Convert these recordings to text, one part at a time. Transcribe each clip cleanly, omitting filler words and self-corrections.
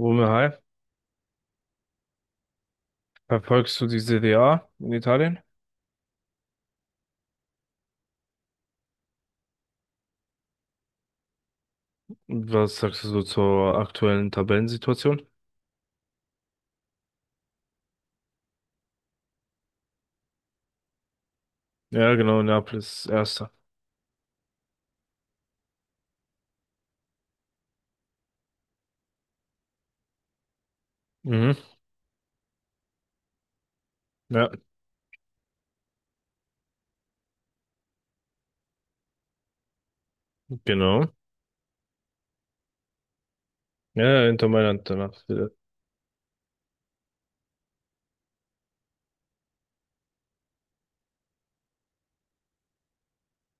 Romeo, hi, verfolgst du die Serie A in Italien? Und was sagst du so zur aktuellen Tabellensituation? Ja, genau, Neapel ist Erster. Mhm. Ja, genau. Ja, Inter Mailand danach wieder.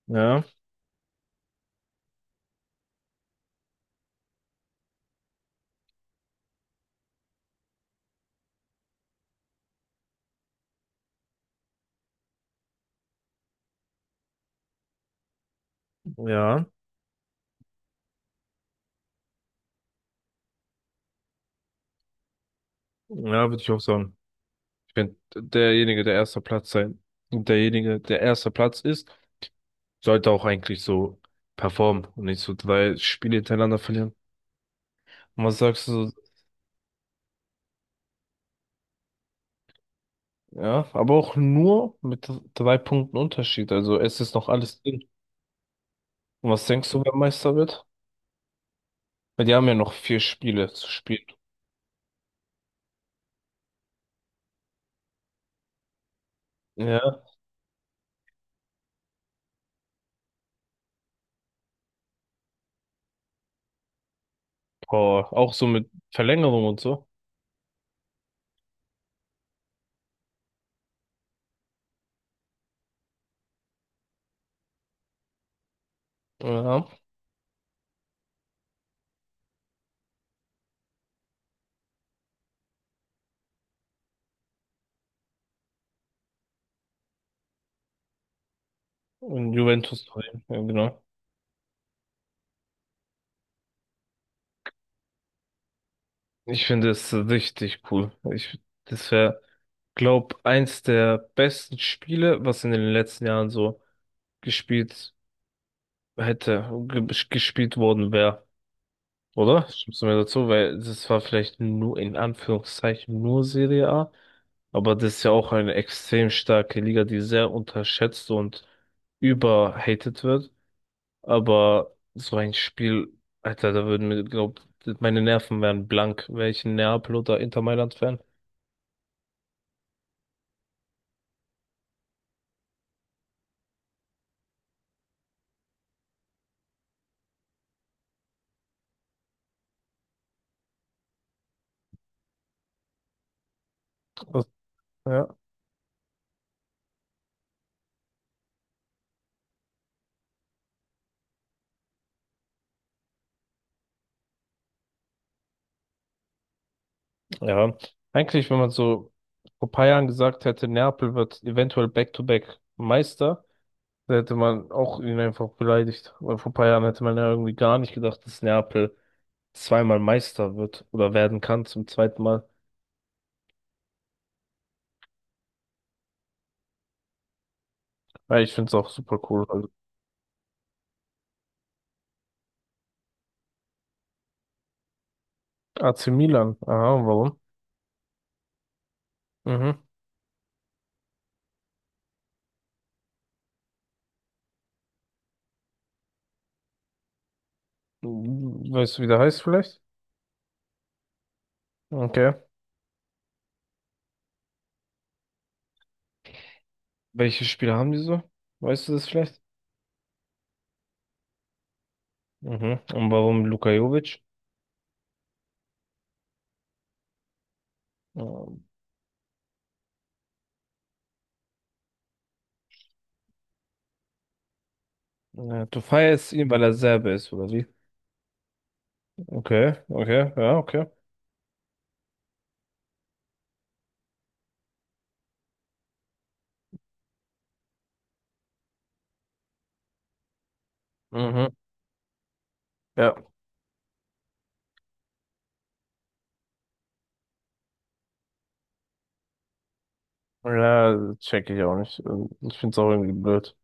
Ja, ja, ja, würde ich auch sagen. Ich finde, derjenige, der erster Platz sein, und derjenige, der erster Platz ist, sollte auch eigentlich so performen und nicht so drei Spiele hintereinander verlieren. Und was sagst du so? Ja, aber auch nur mit drei Punkten Unterschied. Also es ist noch alles drin. Und was denkst du, wer Meister wird? Weil die haben ja noch vier Spiele zu spielen. Ja. Boah, auch so mit Verlängerung und so. Ja. Und Juventus Turin, ja genau. Ich finde es richtig cool. Ich, das wäre, glaub, eins der besten Spiele, was in den letzten Jahren so gespielt hätte, ge gespielt worden wäre. Oder? Stimmst du mir dazu? Weil das war vielleicht nur in Anführungszeichen nur Serie A. Aber das ist ja auch eine extrem starke Liga, die sehr unterschätzt und überhated wird. Aber so ein Spiel, Alter, da würden mir, glaub, meine Nerven wären blank, wäre ich ein Neapel oder Inter Mailand-Fan. Was- Ja. Ja, eigentlich, wenn man so vor paar Jahren gesagt hätte, Neapel wird eventuell Back-to-Back Meister, da hätte man auch ihn einfach beleidigt. Weil vor paar Jahren hätte man ja irgendwie gar nicht gedacht, dass Neapel zweimal Meister wird oder werden kann zum zweiten Mal. Ja, ich finde es auch super cool. Also, AC Milan. Aha, warum? Mhm. Weißt du, wie der heißt vielleicht? Okay. Welche Spieler haben die so? Weißt du das vielleicht? Mhm. Und warum Luka Jovic? Ähm, ja, du feierst ihn, weil er Serbe ist, oder wie? Okay, okay, ja, okay. Mhm. Ja. Ja, check ich auch nicht. Ich finde es auch irgendwie blöd.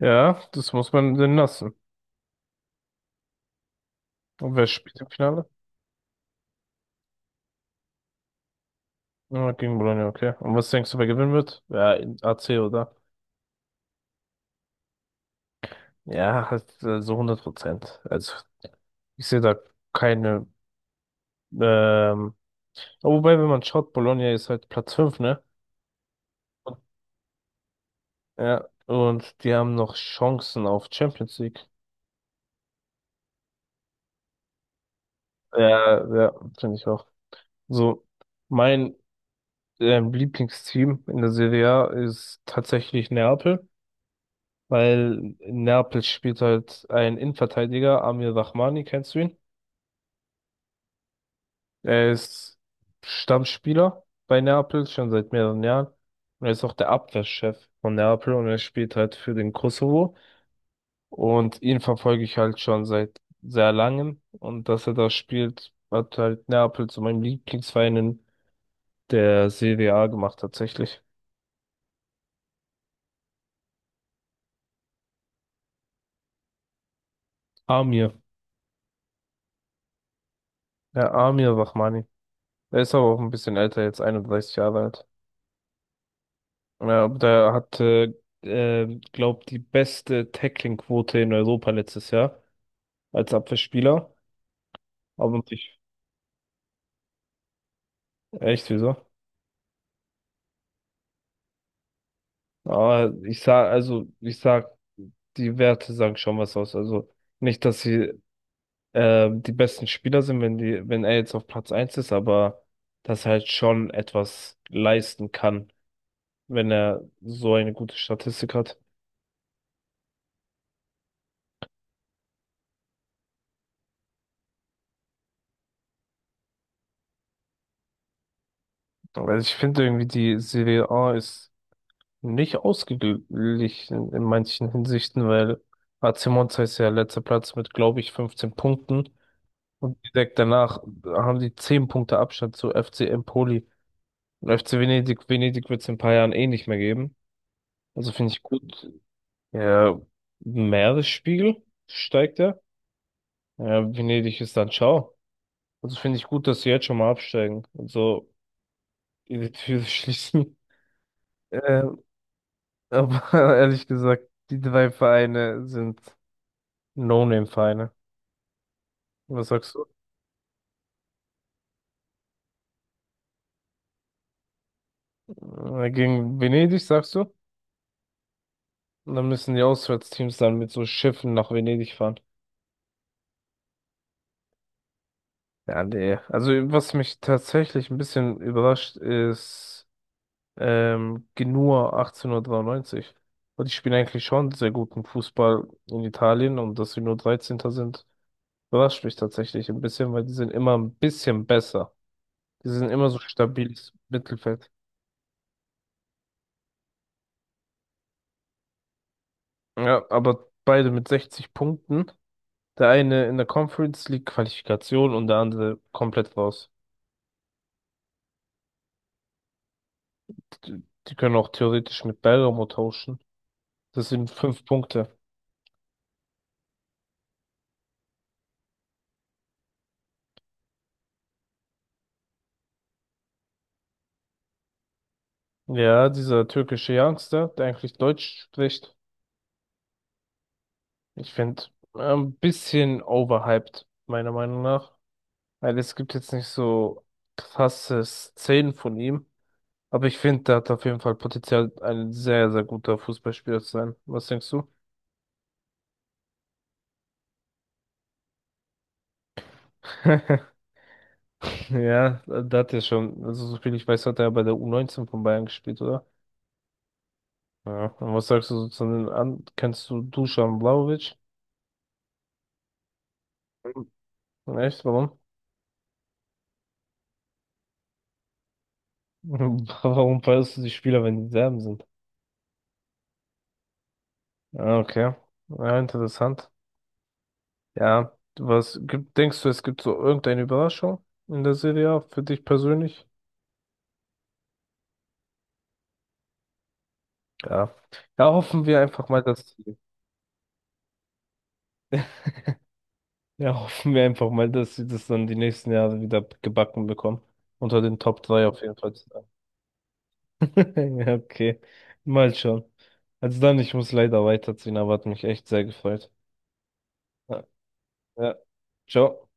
Ja, das muss man denn lassen. Und wer spielt im Finale? Ja, gegen Bologna, okay. Und was denkst du, wer gewinnen wird? Ja, AC, oder? Ja, halt, so 100%. Also, ich sehe da keine, ähm, wobei, wenn man schaut, Bologna ist halt Platz 5 ne? Und- Ja, und die haben noch Chancen auf Champions League. Ja, ja, finde ich auch. So, mein, Lieblingsteam in der Serie A ist tatsächlich Neapel, weil in Neapel spielt halt ein Innenverteidiger, Amir Rahmani, kennst du ihn? Er ist Stammspieler bei Neapel schon seit mehreren Jahren. Und er ist auch der Abwehrchef von Neapel und er spielt halt für den Kosovo. Und ihn verfolge ich halt schon seit sehr langem. Und dass er da spielt, hat halt Neapel zu meinem Lieblingsverein in der Serie A gemacht, tatsächlich. Amir. Ja, Amir Rahmani. Er ist aber auch ein bisschen älter, jetzt 31 Jahre alt. Ja, aber der hatte, glaub, die beste Tackling-Quote in Europa letztes Jahr als Abwehrspieler. Aber ich, echt, wieso? Aber ich sag, also, ich sag, die Werte sagen schon was aus. Also, nicht, dass sie die besten Spieler sind, wenn er jetzt auf Platz eins ist, aber dass er halt schon etwas leisten kann, wenn er so eine gute Statistik hat. Weil ich finde irgendwie, die Serie A ist nicht ausgeglichen in manchen Hinsichten, weil AC Monza ist ja letzter Platz mit, glaube ich, 15 Punkten. Und direkt danach haben die 10 Punkte Abstand zu FC Empoli. Und FC Venedig, Venedig wird es in ein paar Jahren eh nicht mehr geben. Also finde ich gut. Ja, Meeresspiegel steigt er. Ja, Venedig ist dann ciao. Also finde ich gut, dass sie jetzt schon mal absteigen und so ihre Türe schließen. Ähm, aber ehrlich gesagt, die drei Vereine sind No-Name-Vereine. Was sagst du? Gegen Venedig, sagst du? Und dann müssen die Auswärtsteams dann mit so Schiffen nach Venedig fahren. Ja, nee. Also was mich tatsächlich ein bisschen überrascht ist, Genua 1893. Und die spielen eigentlich schon sehr guten Fußball in Italien und dass sie nur Dreizehnter sind, überrascht mich tatsächlich ein bisschen, weil die sind immer ein bisschen besser. Die sind immer so stabiles Mittelfeld. Ja, aber beide mit 60 Punkten. Der eine in der Conference League Qualifikation und der andere komplett raus. Die, die können auch theoretisch mit Bergamo tauschen. Das sind fünf Punkte. Ja, dieser türkische Youngster, der eigentlich Deutsch spricht, ich finde, ein bisschen overhyped, meiner Meinung nach. Weil es gibt jetzt nicht so krasse Szenen von ihm. Aber ich finde, der hat auf jeden Fall Potenzial, ein sehr, sehr guter Fußballspieler zu sein. Was denkst du? Ja, da hat er schon, also so viel ich weiß, hat er bei der U19 von Bayern gespielt, oder? Ja. Und was sagst du so zu den an? Kennst du Dusan Vlahovic? Echt? Warum? Warum feierst du die Spieler, wenn die Serben sind? Ah, okay, ja, interessant. Ja, was gibt, denkst du, es gibt so irgendeine Überraschung in der Serie A für dich persönlich? Ja. Ja, hoffen wir einfach mal, dass sie, ja, hoffen wir einfach mal, dass sie das dann die nächsten Jahre wieder gebacken bekommen. Unter den Top 3 auf jeden Fall zu sein. Ja, okay. Mal schauen. Also dann, ich muss leider weiterziehen, aber hat mich echt sehr gefreut. Ja, ja. Ciao.